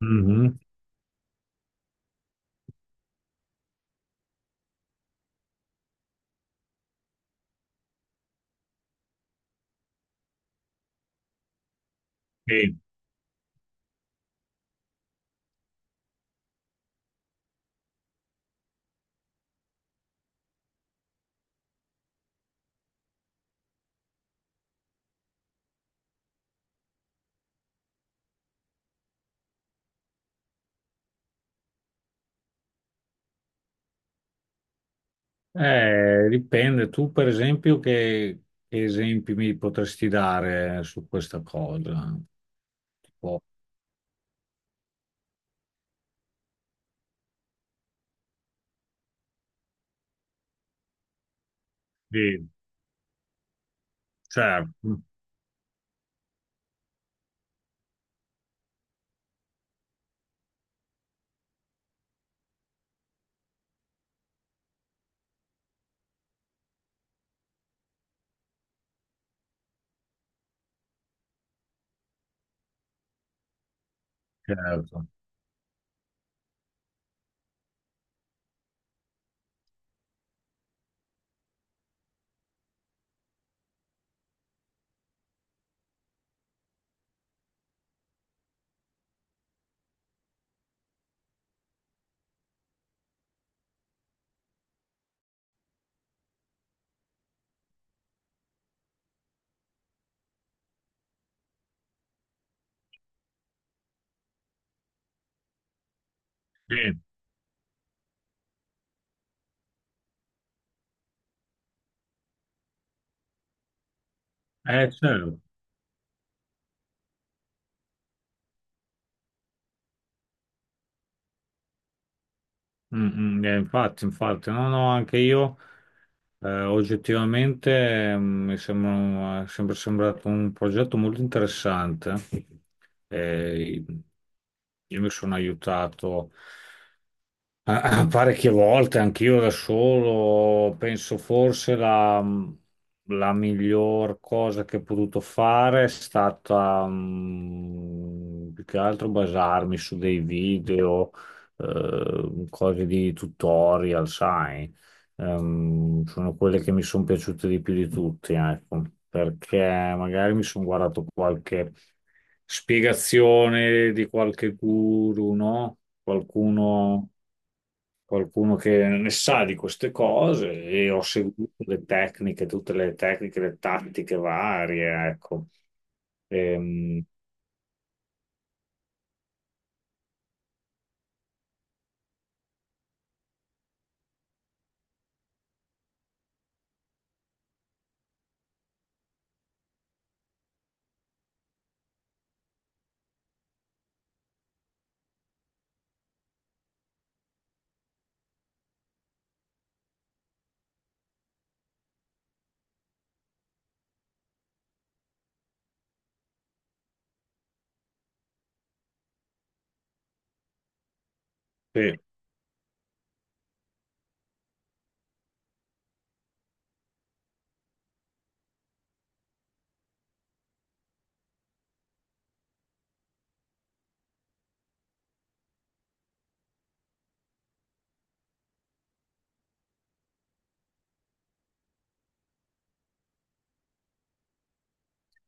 Mhm, sì. Dipende. Tu, per esempio, che esempi mi potresti dare su questa cosa? Tipo, sì, certo, certo. Sì, certo. Mm, mm, infatti, no, no, anche io oggettivamente, mi sembra, è sempre sembrato un progetto molto interessante. Eh, io mi sono aiutato. Ah, ah, parecchie volte, anch'io da solo. Penso forse la miglior cosa che ho potuto fare è stata, mm, più che altro basarmi su dei video, cose di tutorial, sai. Sono quelle che mi sono piaciute di più di tutti, ecco, perché magari mi sono guardato qualche spiegazione di qualche guru, no? Qualcuno, qualcuno che ne sa di queste cose, e ho seguito le tecniche, tutte le tecniche, le tattiche varie, ecco. Ehm, sì,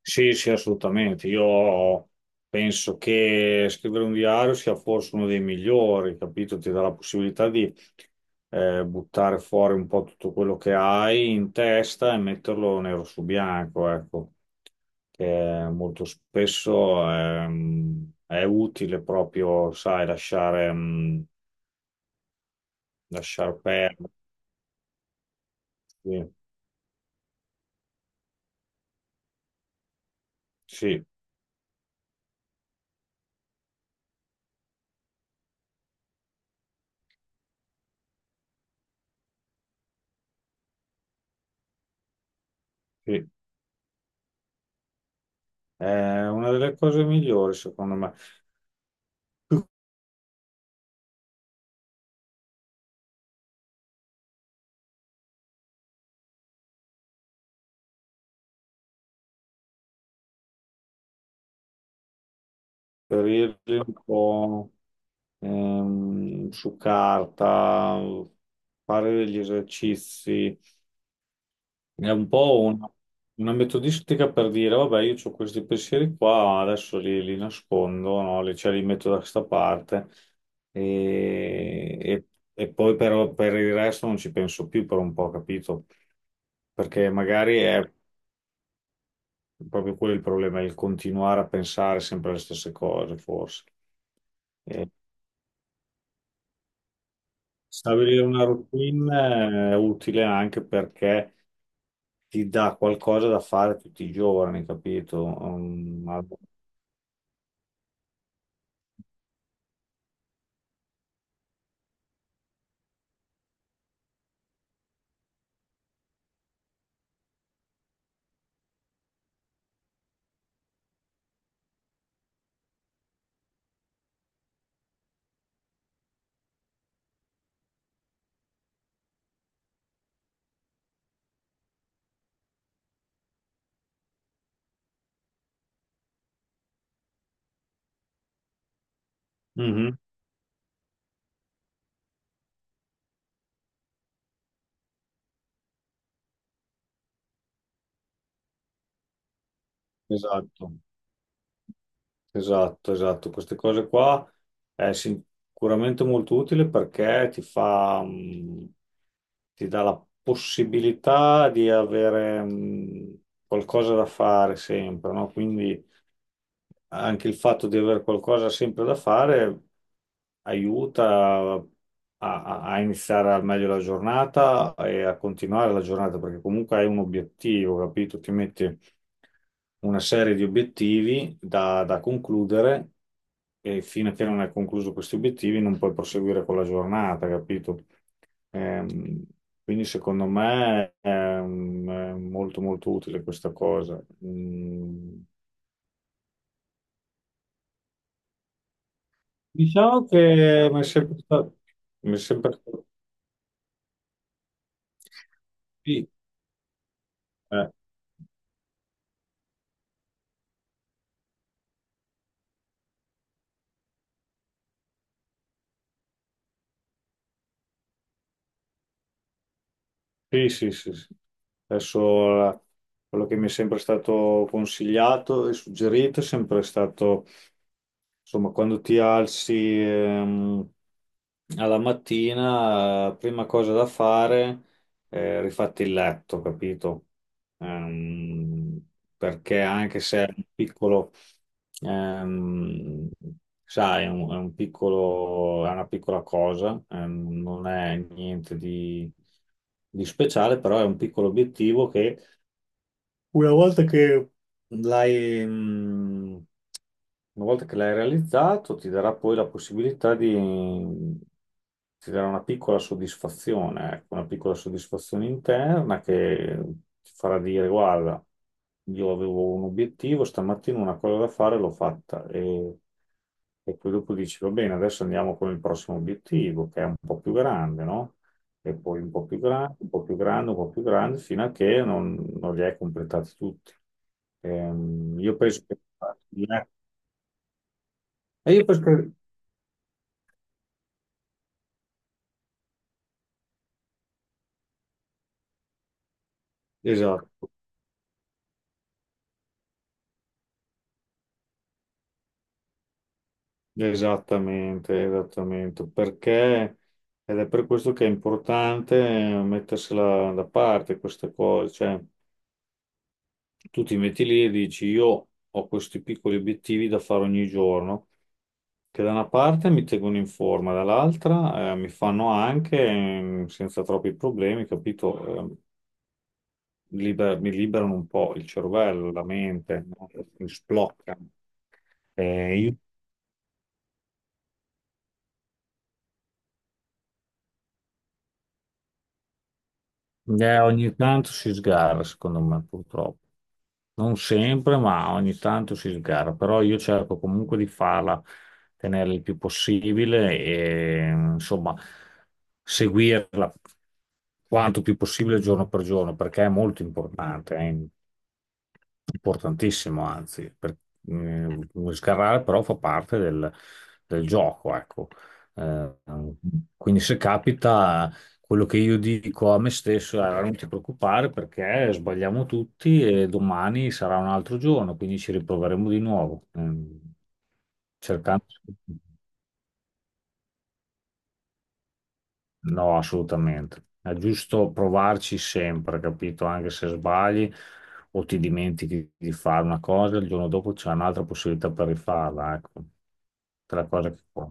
sì, sì, assolutamente. Io penso che scrivere un diario sia forse uno dei migliori, capito? Ti dà la possibilità di, buttare fuori un po' tutto quello che hai in testa e metterlo nero su bianco, ecco. Che molto spesso, è utile proprio, sai, lasciare, lasciar perdere. Sì, sì, sì. È una delle cose migliori, secondo me, periodi un po', su carta, fare degli esercizi. È un po' una metodistica per dire, vabbè, io ho questi pensieri qua, adesso li nascondo, no? Li, cioè, li metto da questa parte e, e- e poi però per il resto non ci penso più per un po', capito? Perché magari è proprio quello il problema, il continuare a pensare sempre alle stesse cose, forse. E stabilire una routine è utile anche perché ti dà qualcosa da fare tutti i giorni, capito? Mhm. Esatto, esatto, esatto. Queste cose qua è sicuramente molto utile, perché ti fa, mm, ti dà la possibilità di avere, mm, qualcosa da fare sempre, no? Quindi anche il fatto di avere qualcosa sempre da fare aiuta a, a iniziare al meglio la giornata e a continuare la giornata, perché comunque hai un obiettivo, capito? Ti metti una serie di obiettivi da concludere, e fino a che non hai concluso questi obiettivi non puoi proseguire con la giornata, capito? Ehm, quindi secondo me è molto molto utile questa cosa. Mm, diciamo che mi è sempre stato, mi è sempre stato- sì, eh, sì, sì, sì, sì. Adesso, quello che mi è sempre stato consigliato e suggerito è sempre stato, insomma, quando ti alzi, ehm, alla mattina, prima cosa da fare è rifatti il letto, capito? Ehm, Perché anche se è un piccolo, ehm, sai, è è un piccolo, è una piccola cosa, non è niente di, di speciale, però è un piccolo obiettivo che, una volta che l'hai mh, una volta che l'hai realizzato, ti darà poi la possibilità di, ti darà una piccola soddisfazione, ecco, una piccola soddisfazione interna, che ti farà dire: "Guarda, io avevo un obiettivo, stamattina una cosa da fare, l'ho fatta." E poi dopo dici: "Va bene, adesso andiamo con il prossimo obiettivo, che è un po' più grande, no?" E poi un po' più grande, un po' più grande, un po' più grande, fino a che non, non li hai completati tutti. Io penso che... eh, io penso che- esatto, esattamente, esattamente, perché... Ed è per questo che è importante, mettersela da parte queste cose, cioè tu ti metti lì e dici: io ho questi piccoli obiettivi da fare ogni giorno, che da una parte mi tengono in forma, dall'altra, mi fanno anche, senza troppi problemi, capito? Mi liberano un po' il cervello, la mente, no? Mi sbloccano. Ogni tanto si sgarra, secondo me, purtroppo. Non sempre, ma ogni tanto si sgarra. Però io cerco comunque di farla tenere il più possibile e, insomma, seguirla quanto più possibile giorno per giorno, perché è molto importante, è importantissimo, anzi. Per, eh, sgarrare però fa parte del gioco, ecco. Eh, quindi se capita. Quello che io dico a me stesso è: "Allora, non ti preoccupare, perché sbagliamo tutti e domani sarà un altro giorno, quindi ci riproveremo di nuovo." Mm, cercando... No, assolutamente. È giusto provarci sempre, capito? Anche se sbagli o ti dimentichi di fare una cosa, il giorno dopo c'è un'altra possibilità per rifarla, ecco. Tra cose che fa.